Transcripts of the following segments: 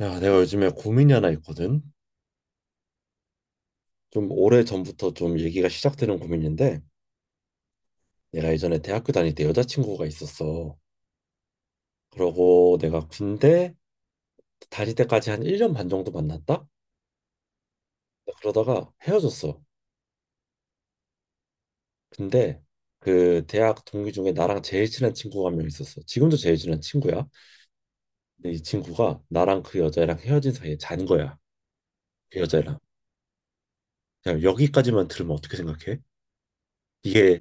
야, 내가 요즘에 고민이 하나 있거든. 좀 오래 전부터 좀 얘기가 시작되는 고민인데, 내가 예전에 대학교 다닐 때 여자친구가 있었어. 그러고 내가 군대 다닐 때까지 한 1년 반 정도 만났다? 그러다가 헤어졌어. 근데 그 대학 동기 중에 나랑 제일 친한 친구가 한 명 있었어. 지금도 제일 친한 친구야. 근데 이 친구가 나랑 그 여자랑 헤어진 사이에 잔 거야. 그 여자랑. 그냥 여기까지만 들으면 어떻게 생각해? 이게,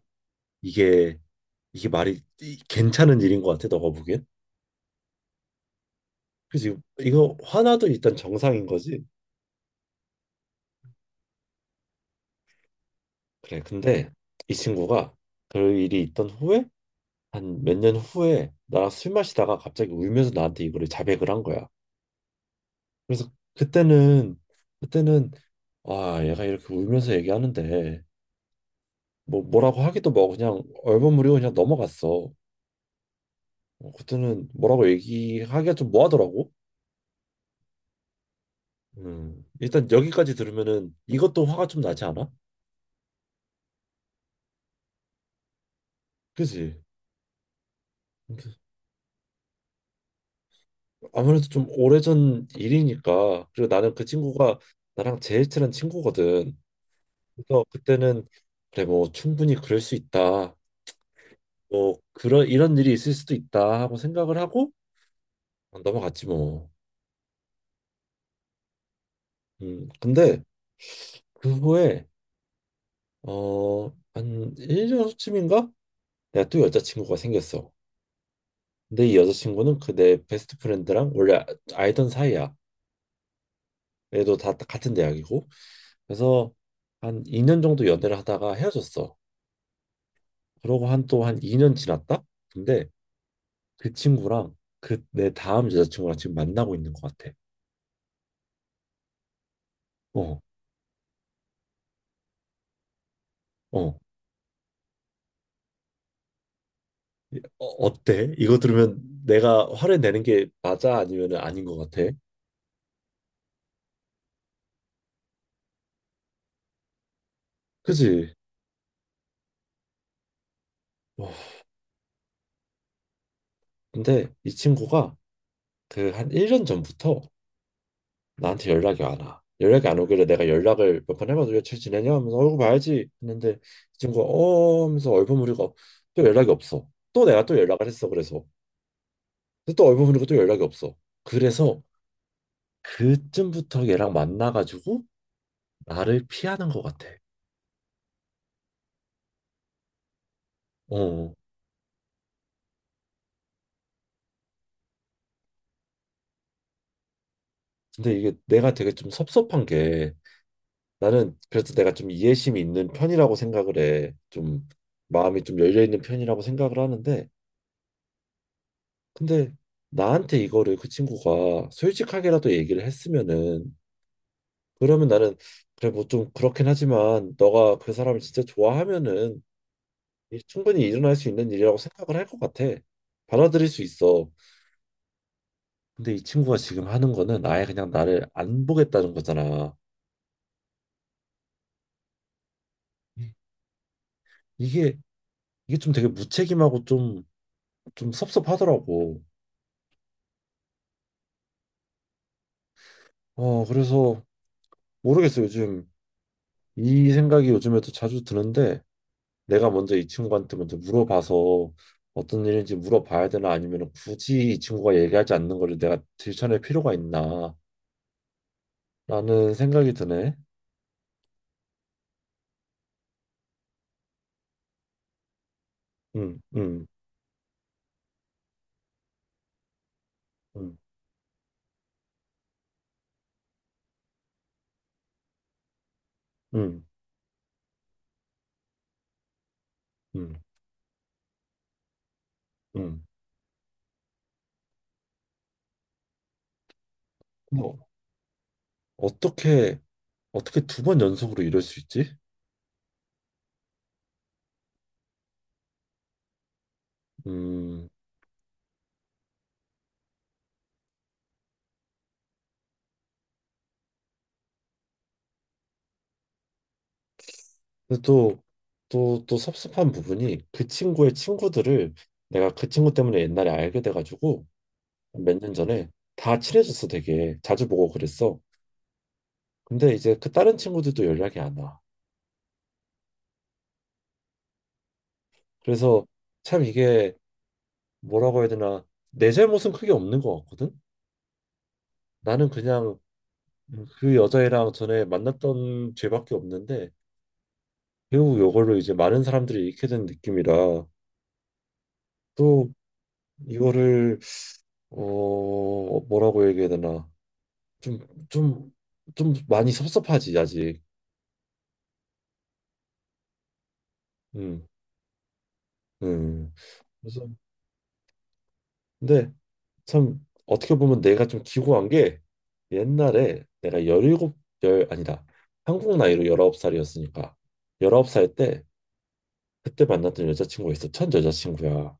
이게, 이게 말이 괜찮은 일인 것 같아, 너가 보기엔? 그지. 이거 화나도 일단 정상인 거지. 그래 근데 이 친구가 그 일이 있던 후에 한 몇 년 후에 나랑 술 마시다가 갑자기 울면서 나한테 이거를 자백을 한 거야. 그래서 그때는 아 얘가 이렇게 울면서 얘기하는데 뭐라고 하기도 뭐 그냥 얼버무리고 그냥 넘어갔어. 그때는 뭐라고 얘기하기가 좀 뭐하더라고. 일단 여기까지 들으면은 이것도 화가 좀 나지 않아? 그지. 아무래도 좀 오래전 일이니까 그리고 나는 그 친구가 나랑 제일 친한 친구거든. 그래서 그때는 그래 뭐 충분히 그럴 수 있다. 뭐 그런 이런 일이 있을 수도 있다 하고 생각을 하고 넘어갔지 뭐. 근데 그 후에 어한 1년 후쯤인가 내가 또 여자친구가 생겼어. 근데 이 여자친구는 그 내 베스트 프렌드랑 원래 알던 사이야. 얘도 다 같은 대학이고. 그래서 한 2년 정도 연애를 하다가 헤어졌어. 그러고 한 또 한 2년 지났다? 근데 그 친구랑 그 내 다음 여자친구랑 지금 만나고 있는 것 같아. 어, 어. 어때? 이거 들으면 내가 화를 내는 게 맞아? 아니면 아닌 것 같아? 그지? 어, 근데 이 친구가 그 한 1년 전부터 나한테 연락이 안 와. 연락이 안 오길래 내가 연락을 몇 번 해봐도 잘 지내냐 하면서 얼굴 봐야지 했는데 이 친구가 어 하면서 얼버무리고 또 연락이 없어. 또 내가 또 연락을 했어. 그래서 근데 또 얼버무리고 또 연락이 없어. 그래서 그쯤부터 얘랑 만나가지고 나를 피하는 것 같아. 어. 근데 이게 내가 되게 좀 섭섭한 게 나는 그래서 내가 좀 이해심이 있는 편이라고 생각을 해. 좀 마음이 좀 열려 있는 편이라고 생각을 하는데 근데 나한테 이거를 그 친구가 솔직하게라도 얘기를 했으면은 그러면 나는 그래 뭐 좀 그렇긴 하지만 너가 그 사람을 진짜 좋아하면은 충분히 일어날 수 있는 일이라고 생각을 할 것 같아. 받아들일 수 있어. 근데 이 친구가 지금 하는 거는 아예 그냥 나를 안 보겠다는 거잖아. 이게 이게 좀 되게 무책임하고 좀 섭섭하더라고. 그래서 모르겠어. 요즘 이 생각이 요즘에도 자주 드는데 내가 먼저 이 친구한테 먼저 물어봐서 어떤 일인지 물어봐야 되나 아니면 굳이 이 친구가 얘기하지 않는 거를 내가 들춰낼 필요가 있나 라는 생각이 드네. 음, 음, 음, 음, 음, 음. 뭐 어떻게 어떻게 두 번 연속으로 이럴 수 있지? 음, 근데 또 섭섭한 부분이 그 친구의 친구들을 내가 그 친구 때문에 옛날에 알게 돼가지고 몇 년 전에 다 친해졌어 되게 자주 보고 그랬어. 근데 이제 그 다른 친구들도 연락이 안 와. 그래서 참 이게 뭐라고 해야 되나 내 잘못은 크게 없는 것 같거든. 나는 그냥 그 여자애랑 전에 만났던 죄밖에 없는데 결국 이걸로 이제 많은 사람들이 잃게 된 느낌이라 또 이거를 뭐라고 얘기해야 되나 좀, 좀, 좀 많이 섭섭하지, 아직. 음, 음. 그래서, 근데 참 어떻게 보면 내가 좀 기고한 게 옛날에 내가 17, 열 아니다. 한국 나이로 19살이었으니까 19살 때 그때 만났던 여자친구가 있어. 첫 여자친구야.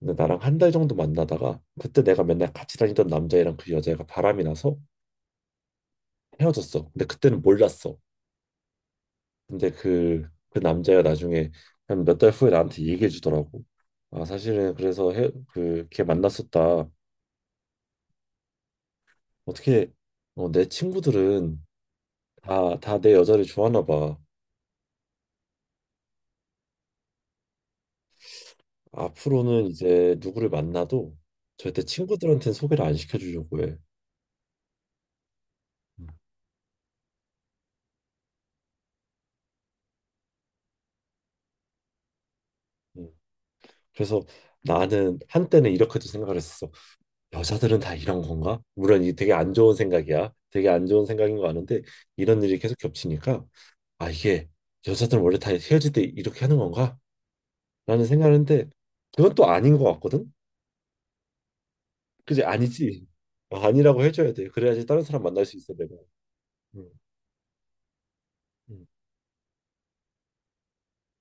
근데 나랑 한 달 정도 만나다가 그때 내가 맨날 같이 다니던 남자애랑 그 여자애가 바람이 나서 헤어졌어. 근데 그때는 몰랐어. 근데 그 남자가 나중에 한 몇 달 후에 나한테 얘기해 주더라고. 아, 사실은 그래서 걔 만났었다. 어떻게, 내 친구들은 다 내 여자를 좋아하나 봐. 앞으로는 이제 누구를 만나도 절대 친구들한테는 소개를 안 시켜주려고 해. 음. 그래서 나는 한때는 이렇게도 생각을 했어. 여자들은 다 이런 건가? 물론 이 되게 안 좋은 생각이야. 되게 안 좋은 생각인 거 아는데 이런 일이 계속 겹치니까 아 이게 여자들은 원래 다 헤어질 때 이렇게 하는 건가? 라는 생각하는데 그건 또 아닌 것 같거든? 그지? 아니지. 어, 아니라고 해줘야 돼. 그래야지 다른 사람 만날 수 있어 내가. 음, 음,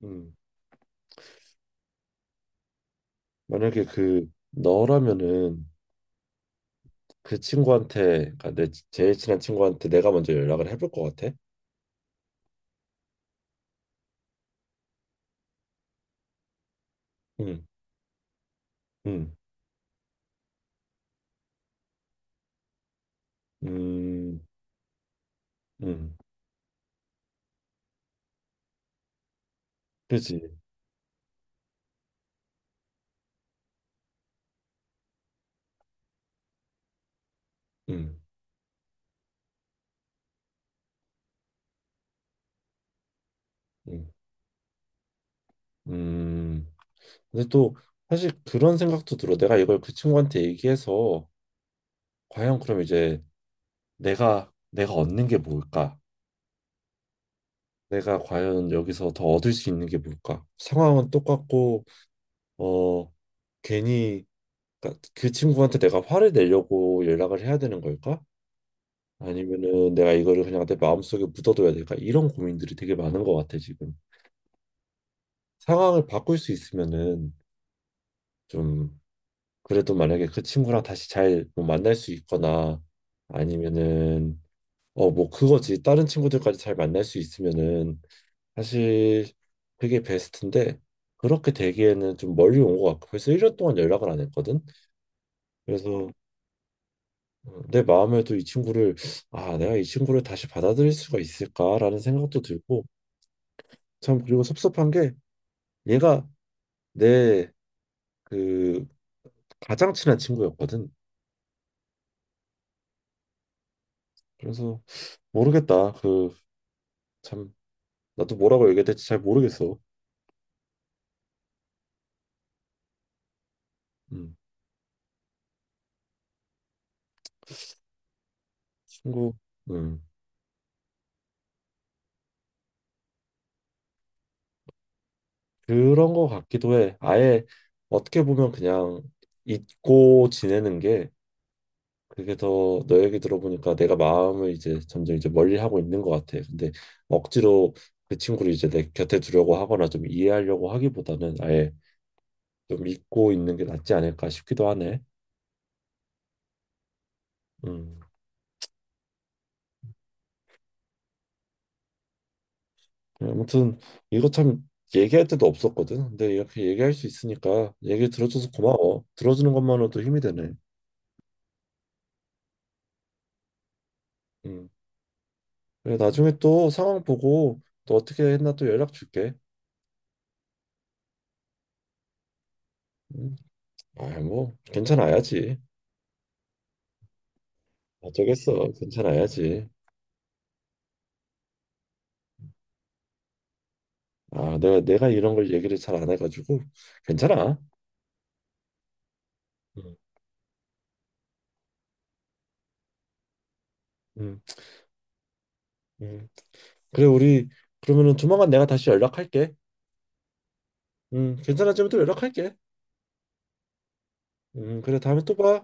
음. 만약에 그 너라면은 그 친구한테 그러니까 내 제일 친한 친구한테 내가 먼저 연락을 해볼 것 같아. 음, 음, 음, 음. 그지? 음. 음. 음, 근데 또 사실 그런 생각도 들어. 내가 이걸 그 친구한테 얘기해서 과연 그럼 이제 내가 얻는 게 뭘까? 내가 과연 여기서 더 얻을 수 있는 게 뭘까? 상황은 똑같고 어 괜히 그러니까 그 친구한테 내가 화를 내려고 연락을 해야 되는 걸까? 아니면은 내가 이거를 그냥 내 마음속에 묻어둬야 될까? 이런 고민들이 되게 많은 것 같아 지금. 상황을 바꿀 수 있으면은 좀 그래도 만약에 그 친구랑 다시 잘뭐 만날 수 있거나 아니면은 뭐 그거지 다른 친구들까지 잘 만날 수 있으면은 사실 그게 베스트인데 그렇게 되기에는 좀 멀리 온 것 같고 벌써 1년 동안 연락을 안 했거든. 그래서 내 마음에도 이 친구를 내가 이 친구를 다시 받아들일 수가 있을까라는 생각도 들고 참 그리고 섭섭한 게 얘가 내 그 가장 친한 친구였거든. 그래서 모르겠다 그참 나도 뭐라고 얘기해야 될지 잘 모르겠어. 음, 친구, 음, 그런 거 같기도 해. 아예 어떻게 보면 그냥 잊고 지내는 게 그게 더 너 얘기 들어보니까 내가 마음을 이제 점점 이제 멀리 하고 있는 것 같아. 근데 억지로 그 친구를 이제 내 곁에 두려고 하거나 좀 이해하려고 하기보다는 아예 좀 잊고 있는 게 낫지 않을까 싶기도 하네. 음, 아무튼 이거 참 얘기할 때도 없었거든. 근데 이렇게 얘기할 수 있으니까 얘기 들어줘서 고마워. 들어주는 것만으로도 힘이 되네. 음. 그래, 나중에 또 상황 보고 또 어떻게 했나 또 연락 줄게. 음. 아, 뭐 괜찮아야지. 어쩌겠어. 괜찮아야지. 아, 내가 이런 걸 얘기를 잘 안 해가지고 괜찮아. 음. 음. 음. 그래, 우리 그러면은 조만간 내가 다시 연락할게. 괜찮아지면 또 연락할게. 그래, 다음에 또 봐.